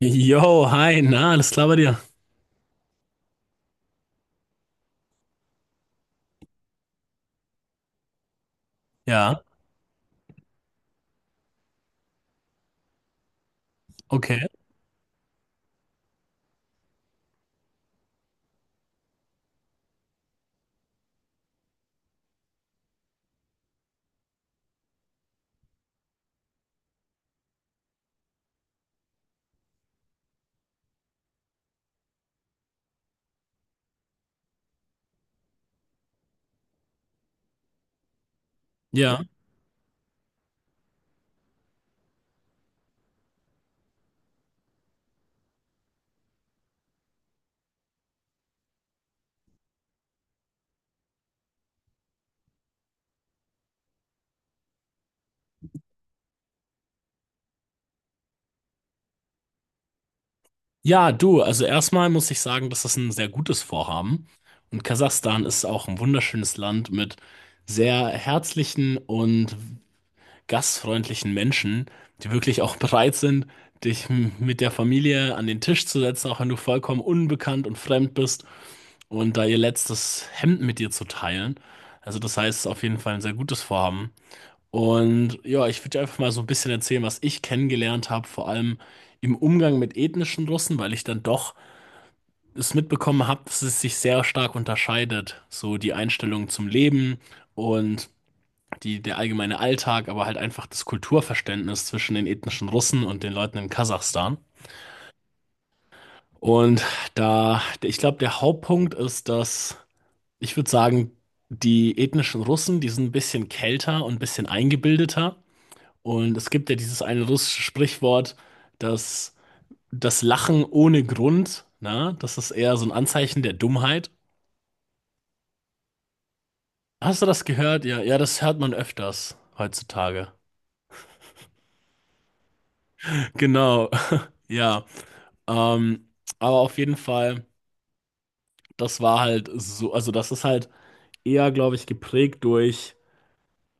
Yo, hi, na, alles klar bei dir? Ja, okay. Ja. Ja, du, also erstmal muss ich sagen, dass das ein sehr gutes Vorhaben. Und Kasachstan ist auch ein wunderschönes Land mit sehr herzlichen und gastfreundlichen Menschen, die wirklich auch bereit sind, dich mit der Familie an den Tisch zu setzen, auch wenn du vollkommen unbekannt und fremd bist und da ihr letztes Hemd mit dir zu teilen. Also das heißt, es ist auf jeden Fall ein sehr gutes Vorhaben. Und ja, ich würde dir einfach mal so ein bisschen erzählen, was ich kennengelernt habe, vor allem im Umgang mit ethnischen Russen, weil ich dann doch es mitbekommen habe, dass es sich sehr stark unterscheidet. So die Einstellung zum Leben und die, der allgemeine Alltag, aber halt einfach das Kulturverständnis zwischen den ethnischen Russen und den Leuten in Kasachstan. Und da, ich glaube, der Hauptpunkt ist, dass, ich würde sagen, die ethnischen Russen, die sind ein bisschen kälter und ein bisschen eingebildeter. Und es gibt ja dieses eine russische Sprichwort, dass das Lachen ohne Grund, na, das ist eher so ein Anzeichen der Dummheit. Hast du das gehört? Ja, ja, das hört man öfters heutzutage. Genau, ja. Ähm, aber auf jeden Fall, das war halt so, also das ist halt eher, glaube ich, geprägt durch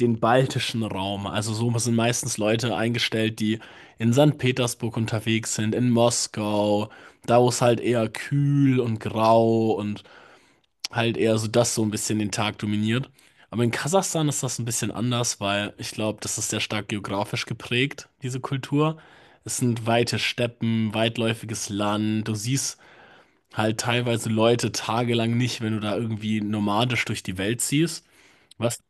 den baltischen Raum. Also so sind meistens Leute eingestellt, die in Sankt Petersburg unterwegs sind, in Moskau, da wo es halt eher kühl und grau und halt eher so das so ein bisschen den Tag dominiert. Aber in Kasachstan ist das ein bisschen anders, weil ich glaube, das ist sehr stark geografisch geprägt, diese Kultur. Es sind weite Steppen, weitläufiges Land. Du siehst halt teilweise Leute tagelang nicht, wenn du da irgendwie nomadisch durch die Welt ziehst. Was?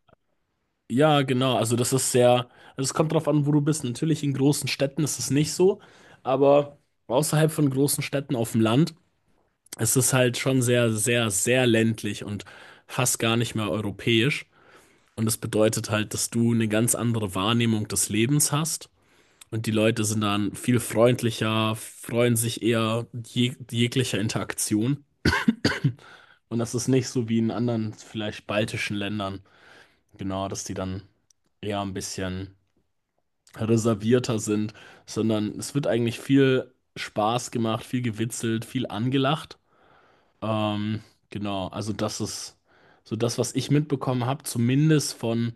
Ja, genau. Also das ist sehr, also es kommt drauf an, wo du bist. Natürlich in großen Städten ist es nicht so, aber außerhalb von großen Städten auf dem Land, es ist halt schon sehr, sehr, sehr ländlich und fast gar nicht mehr europäisch. Und das bedeutet halt, dass du eine ganz andere Wahrnehmung des Lebens hast. Und die Leute sind dann viel freundlicher, freuen sich eher jeglicher Interaktion. Und das ist nicht so wie in anderen, vielleicht baltischen Ländern, genau, dass die dann eher ein bisschen reservierter sind, sondern es wird eigentlich viel Spaß gemacht, viel gewitzelt, viel angelacht. Ähm, genau, also das ist so das, was ich mitbekommen habe, zumindest von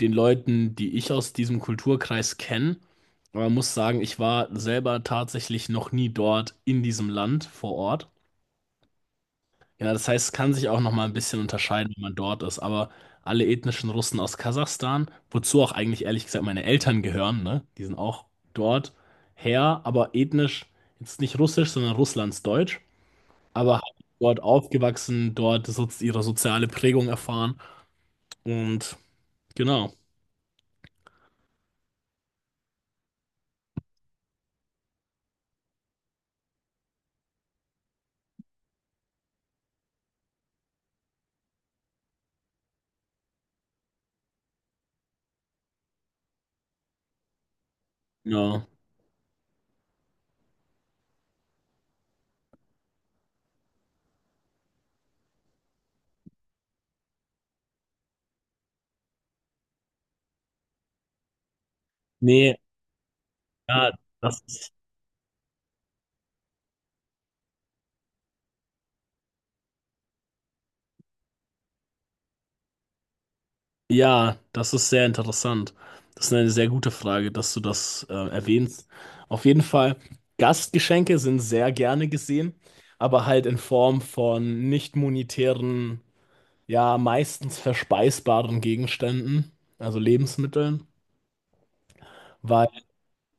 den Leuten, die ich aus diesem Kulturkreis kenne. Aber man muss sagen, ich war selber tatsächlich noch nie dort in diesem Land vor Ort. Ja, das heißt, es kann sich auch noch mal ein bisschen unterscheiden, wenn man dort ist. Aber alle ethnischen Russen aus Kasachstan, wozu auch eigentlich ehrlich gesagt meine Eltern gehören, ne? Die sind auch dort her, aber ethnisch jetzt nicht russisch, sondern russlandsdeutsch, aber halt dort aufgewachsen, dort so, ihre soziale Prägung erfahren, und genau, ja. Nee, ja, das ist, ja, das ist sehr interessant. Das ist eine sehr gute Frage, dass du das erwähnst. Auf jeden Fall, Gastgeschenke sind sehr gerne gesehen, aber halt in Form von nicht monetären, ja, meistens verspeisbaren Gegenständen, also Lebensmitteln, weil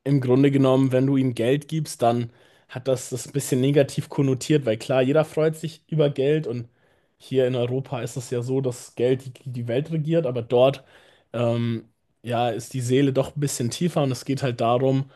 im Grunde genommen, wenn du ihm Geld gibst, dann hat das ein bisschen negativ konnotiert, weil klar, jeder freut sich über Geld und hier in Europa ist es ja so, dass Geld die Welt regiert, aber dort ähm, ja, ist die Seele doch ein bisschen tiefer und es geht halt darum,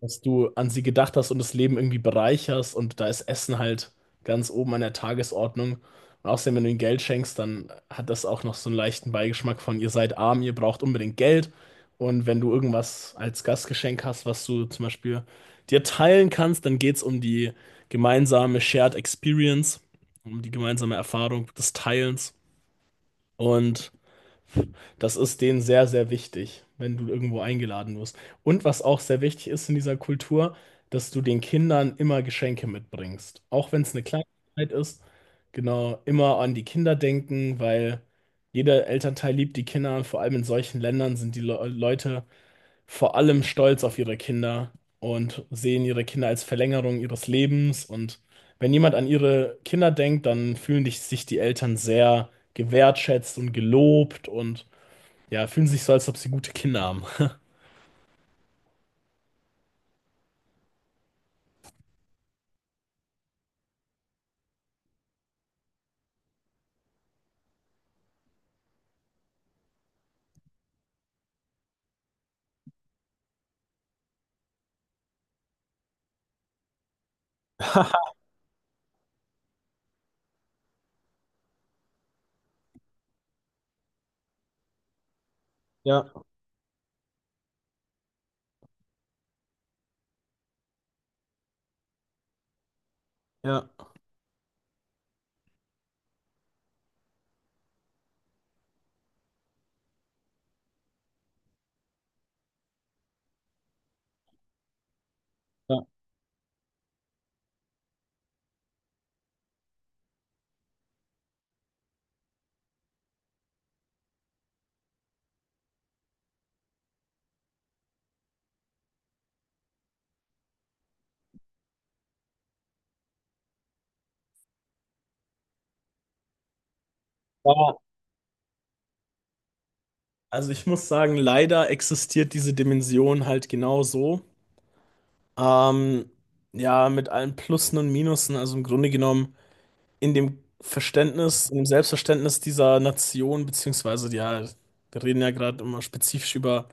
dass du an sie gedacht hast und das Leben irgendwie bereicherst und da ist Essen halt ganz oben an der Tagesordnung. Und außerdem, wenn du ihnen Geld schenkst, dann hat das auch noch so einen leichten Beigeschmack von, ihr seid arm, ihr braucht unbedingt Geld. Und wenn du irgendwas als Gastgeschenk hast, was du zum Beispiel dir teilen kannst, dann geht es um die gemeinsame Shared Experience, um die gemeinsame Erfahrung des Teilens. Und das ist denen sehr, sehr wichtig, wenn du irgendwo eingeladen wirst. Und was auch sehr wichtig ist in dieser Kultur, dass du den Kindern immer Geschenke mitbringst. Auch wenn es eine Kleinigkeit ist, genau, immer an die Kinder denken, weil jeder Elternteil liebt die Kinder und vor allem in solchen Ländern sind die Le Leute vor allem stolz auf ihre Kinder und sehen ihre Kinder als Verlängerung ihres Lebens. Und wenn jemand an ihre Kinder denkt, dann fühlen sich die Eltern sehr gewertschätzt und gelobt und ja, fühlen sich so, als ob sie gute Kinder haben. Ja, ja. Aber, also ich muss sagen, leider existiert diese Dimension halt genau so. Ähm, ja, mit allen Plussen und Minusen, also im Grunde genommen in dem Verständnis, in dem Selbstverständnis dieser Nation, beziehungsweise, ja, wir reden ja gerade immer spezifisch über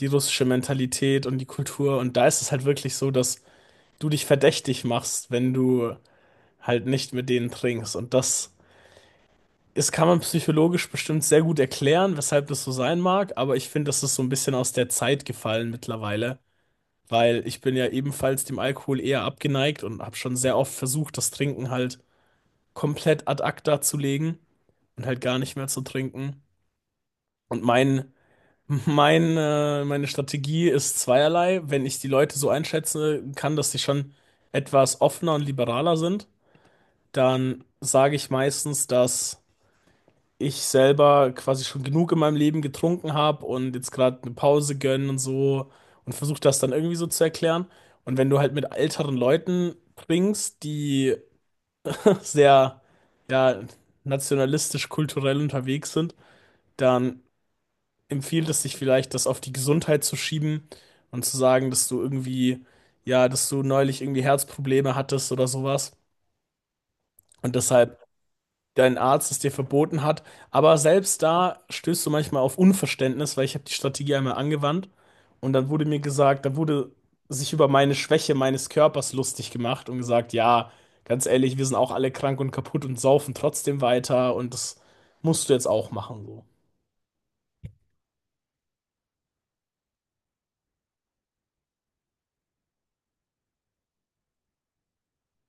die russische Mentalität und die Kultur und da ist es halt wirklich so, dass du dich verdächtig machst, wenn du halt nicht mit denen trinkst und das kann man psychologisch bestimmt sehr gut erklären, weshalb das so sein mag, aber ich finde, das ist so ein bisschen aus der Zeit gefallen mittlerweile, weil ich bin ja ebenfalls dem Alkohol eher abgeneigt und habe schon sehr oft versucht, das Trinken halt komplett ad acta zu legen und halt gar nicht mehr zu trinken. Und meine Strategie ist zweierlei. Wenn ich die Leute so einschätzen kann, dass sie schon etwas offener und liberaler sind, dann sage ich meistens, dass ich selber quasi schon genug in meinem Leben getrunken habe und jetzt gerade eine Pause gönnen und so und versuche das dann irgendwie so zu erklären. Und wenn du halt mit älteren Leuten trinkst, die sehr, ja, nationalistisch, kulturell unterwegs sind, dann empfiehlt es sich vielleicht, das auf die Gesundheit zu schieben und zu sagen, dass du irgendwie, ja, dass du neulich irgendwie Herzprobleme hattest oder sowas. Und deshalb dein Arzt es dir verboten hat. Aber selbst da stößt du manchmal auf Unverständnis, weil ich habe die Strategie einmal angewandt und dann wurde mir gesagt, da wurde sich über meine Schwäche meines Körpers lustig gemacht und gesagt, ja, ganz ehrlich, wir sind auch alle krank und kaputt und saufen trotzdem weiter und das musst du jetzt auch machen, so.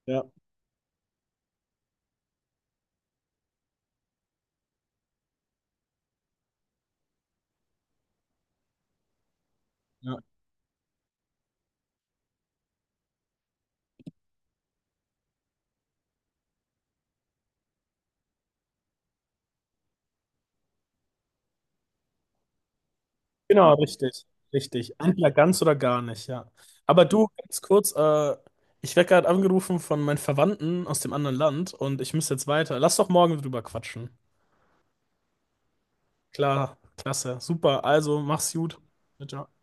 Ja, ja. Genau, richtig, richtig. Entweder ganz oder gar nicht, ja. Aber du, ganz kurz, ich werde gerade angerufen von meinen Verwandten aus dem anderen Land und ich muss jetzt weiter. Lass doch morgen drüber quatschen. Klar, klasse, super. Also, mach's gut. Ciao, ciao.